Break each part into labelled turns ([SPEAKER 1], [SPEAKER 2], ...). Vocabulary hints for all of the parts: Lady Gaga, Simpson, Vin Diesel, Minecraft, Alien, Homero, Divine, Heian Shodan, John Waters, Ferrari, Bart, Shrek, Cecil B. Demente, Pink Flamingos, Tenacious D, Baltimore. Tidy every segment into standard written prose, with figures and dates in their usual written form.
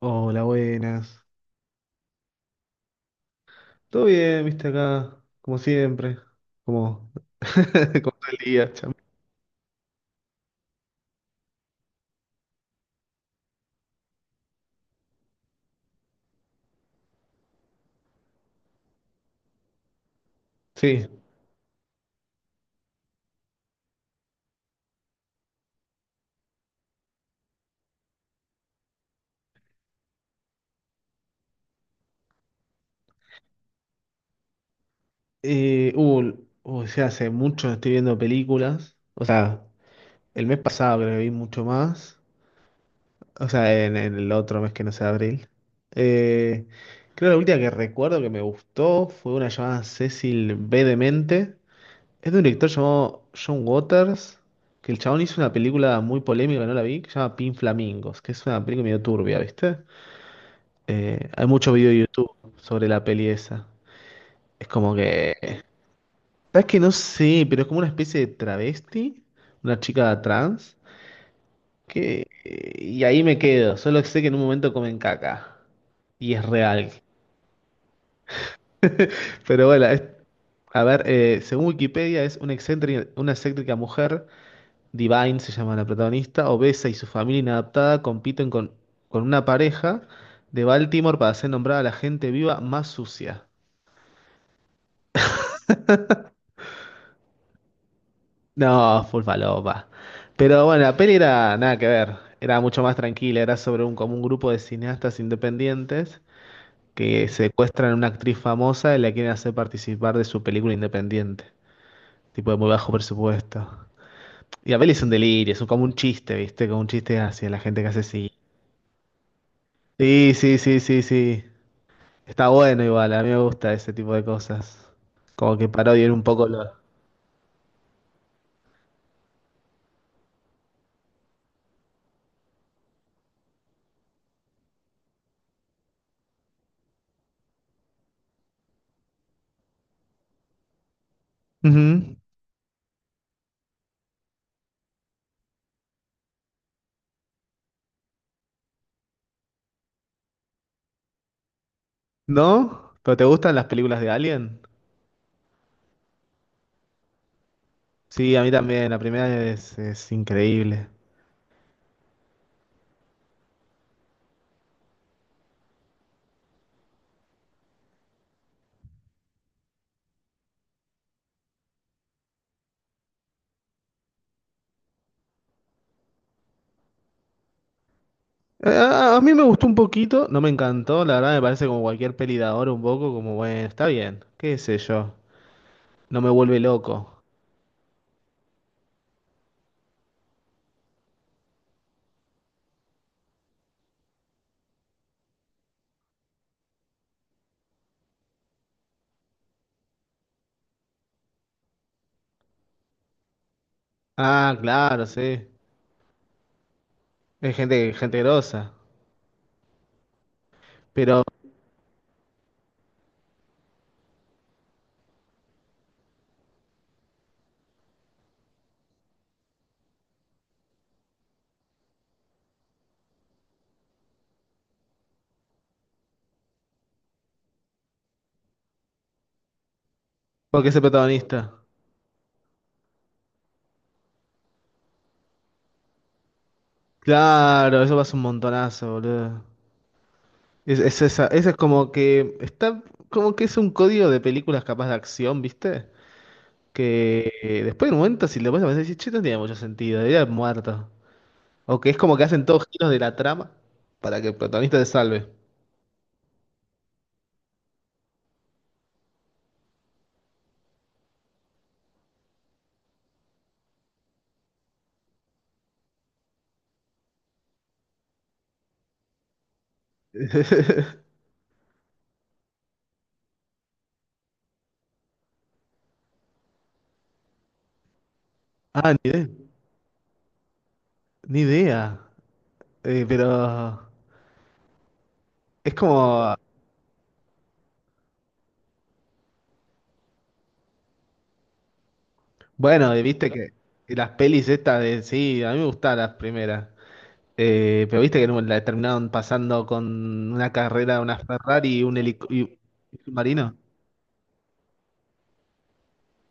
[SPEAKER 1] Hola, buenas. ¿Todo bien, viste acá? Como siempre. Como, como todo el día, chamo. Sí. Eh, uh, o sea, hace mucho no estoy viendo películas. O sea, el mes pasado creo que vi mucho más. O sea, en el otro mes que no sea abril. Eh, Creo que la última que recuerdo que me gustó fue una llamada Cecil B. Demente. Es de un director llamado John Waters, que el chabón hizo una película muy polémica, no la vi, que se llama Pin Flamingos, que es una película medio turbia, ¿viste? Hay muchos videos de YouTube sobre la peli esa. Es como que... ¿Sabes que? No sé, pero es como una especie de travesti, una chica trans, que... Y ahí me quedo, solo sé que en un momento comen caca. Y es real. Pero bueno, es- a ver, según Wikipedia es una excéntrica mujer. Divine se llama la protagonista, obesa, y su familia inadaptada compiten con una pareja de Baltimore para ser nombrada la gente viva más sucia. No, full falopa. Pero bueno, la peli era nada que ver, era mucho más tranquila, era sobre un, como un grupo de cineastas independientes que secuestran a una actriz famosa y la quieren hacer participar de su película independiente, tipo de muy bajo presupuesto. Y la peli es un delirio, es un- como un chiste, ¿viste? Como un chiste hacia la gente que hace así. Sí, sí, sí, sí, sí. Está bueno igual, a mí me gusta ese tipo de cosas. Como que parodian un poco los... Ujú. ¿No? ¿Pero te gustan las películas de Alien? Sí, a mí también, la primera es increíble. A mí me gustó un poquito, no me encantó, la verdad me parece como cualquier peli de ahora un poco, como bueno, está bien, qué sé yo, no me vuelve loco. Ah, claro, sí, es gente, gente grosa, pero ¿por qué es el protagonista? Claro, eso pasa un montonazo, boludo. Es esa, esa es como que está como que es un código de películas capaz de acción, ¿viste? Que después de un momento si le pones a pensar, decís, che, no tenía mucho sentido, era muerto. O que es como que hacen todos giros de la trama para que el protagonista se salve. Ah, ni idea. Ni idea. Pero es como, bueno, viste que las pelis estas de, sí, a mí me gustaban las primeras. Pero viste que no- la terminaron pasando con una carrera, una Ferrari y un helicóptero. Marino.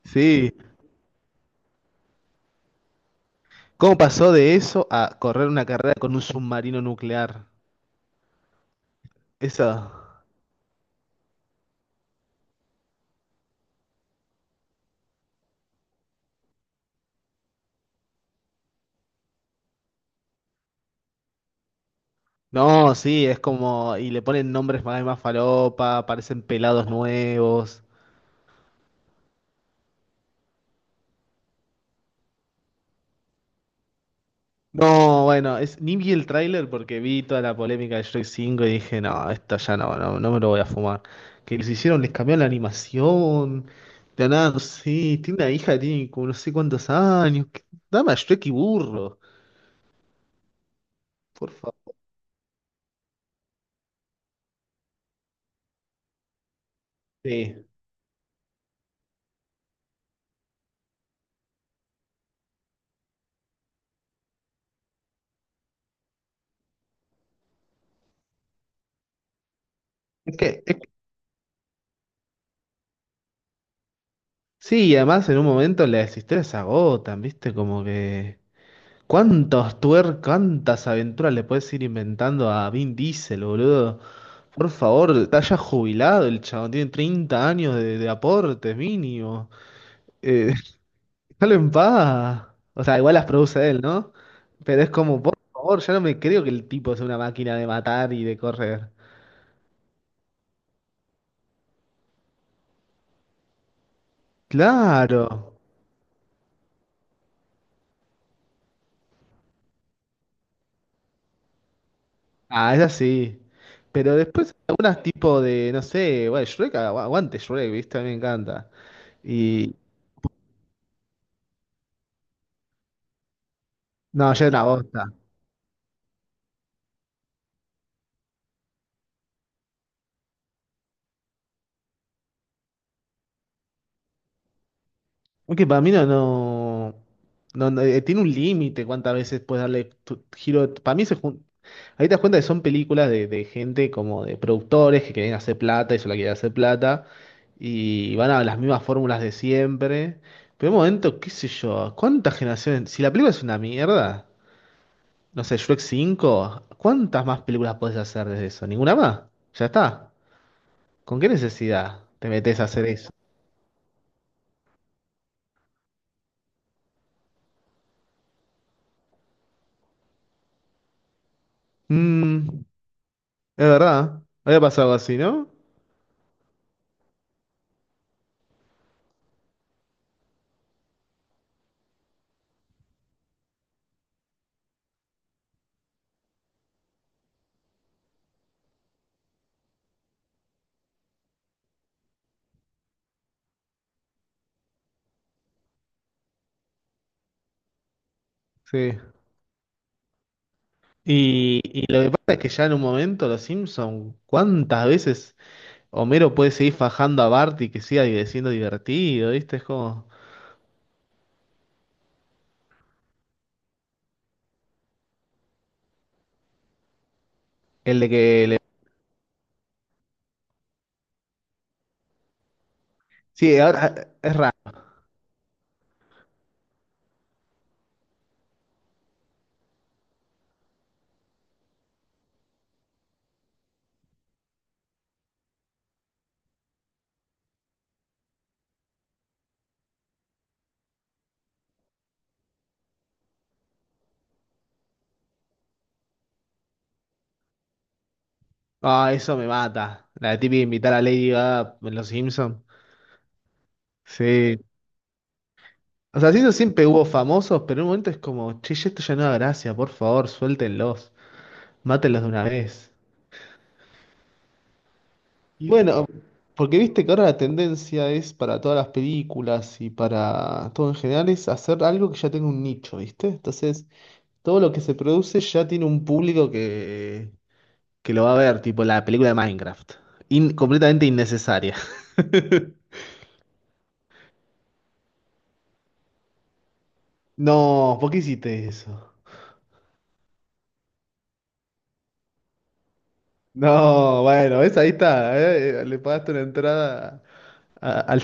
[SPEAKER 1] Sí, ¿cómo pasó de eso a correr una carrera con un submarino nuclear? Eso. No, sí, es como. Y le ponen nombres más, más falopa, aparecen pelados nuevos. No, bueno, es, ni vi el tráiler porque vi toda la polémica de Shrek 5 y dije, no, esto ya no, no, no me lo voy a fumar. Que les hicieron, les cambiaron la animación. De nada, sí, tiene una hija, que tiene como no sé cuántos años. Que- dame a Shrek y burro, por favor. Sí. Es que, es sí, y además en un momento las historias se agotan, ¿viste? Como que. ¿Cuántos tuer, cuántas aventuras le puedes ir inventando a Vin Diesel, boludo? Por favor, está ya jubilado el chabón, tiene 30 años de aportes mínimo. Eh, déjalo en paz. O sea, igual las produce él, ¿no? Pero es como, por favor, ya no me creo que el tipo sea una máquina de matar y de correr. Claro. Ah, es así. Pero después algunas tipo de, no sé, bueno, Shrek, agu- aguante Shrek, ¿viste? A mí me encanta. Y no, ya es una bosta. Aunque para mí no, tiene un límite cuántas veces puedes darle tu- giro. Para mí se jun- ahí te das cuenta que son películas de gente como de productores que quieren hacer plata y solo quieren hacer plata y van a las mismas fórmulas de siempre. Pero en un momento, qué sé yo, ¿cuántas generaciones? Si la película es una mierda. No sé, Shrek 5. ¿Cuántas más películas podés hacer desde eso? ¿Ninguna más? Ya está. ¿Con qué necesidad te metes a hacer eso? Mm, es verdad. Había pasado algo así, ¿no? Sí. Y lo que pasa es que ya en un momento los Simpson, ¿cuántas veces Homero puede seguir fajando a Bart y que siga di- siendo divertido? ¿Viste? Es como el de que le... Sí, ahora es raro. Ah, eso me mata. La típica invitar a Lady Gaga en los Simpson. Sí. O sea, siento siempre hubo famosos, pero en un momento es como, che, ya esto ya no da gracia, por favor, suéltenlos, mátenlos de una vez. Y bueno, porque viste que ahora la tendencia es para todas las películas y para todo en general es hacer algo que ya tenga un nicho, ¿viste? Entonces, todo lo que se produce ya tiene un público que lo va a ver, tipo la película de Minecraft. In- completamente innecesaria. No, ¿por qué hiciste eso? No, bueno, ves, ahí está, le pagaste una entrada a- al.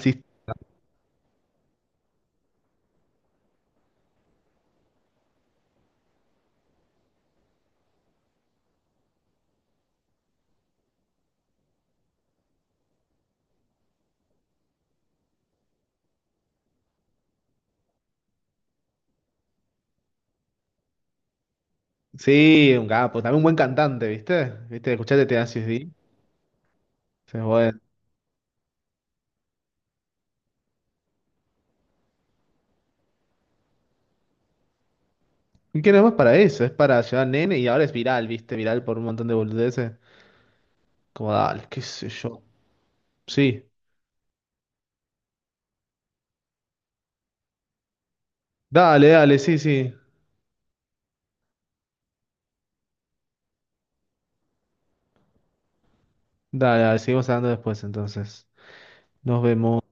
[SPEAKER 1] Sí, un capo, también un buen cantante, ¿viste? ¿Viste? Escuchaste Tenacious D. Sí, bueno. ¿Y qué no es más para eso? Es para llevar nene y ahora es viral, ¿viste? Viral por un montón de boludeces. Como dale, qué sé yo. Sí. Dale, dale, sí, sí. Dale, dale, seguimos hablando después entonces. Nos vemos.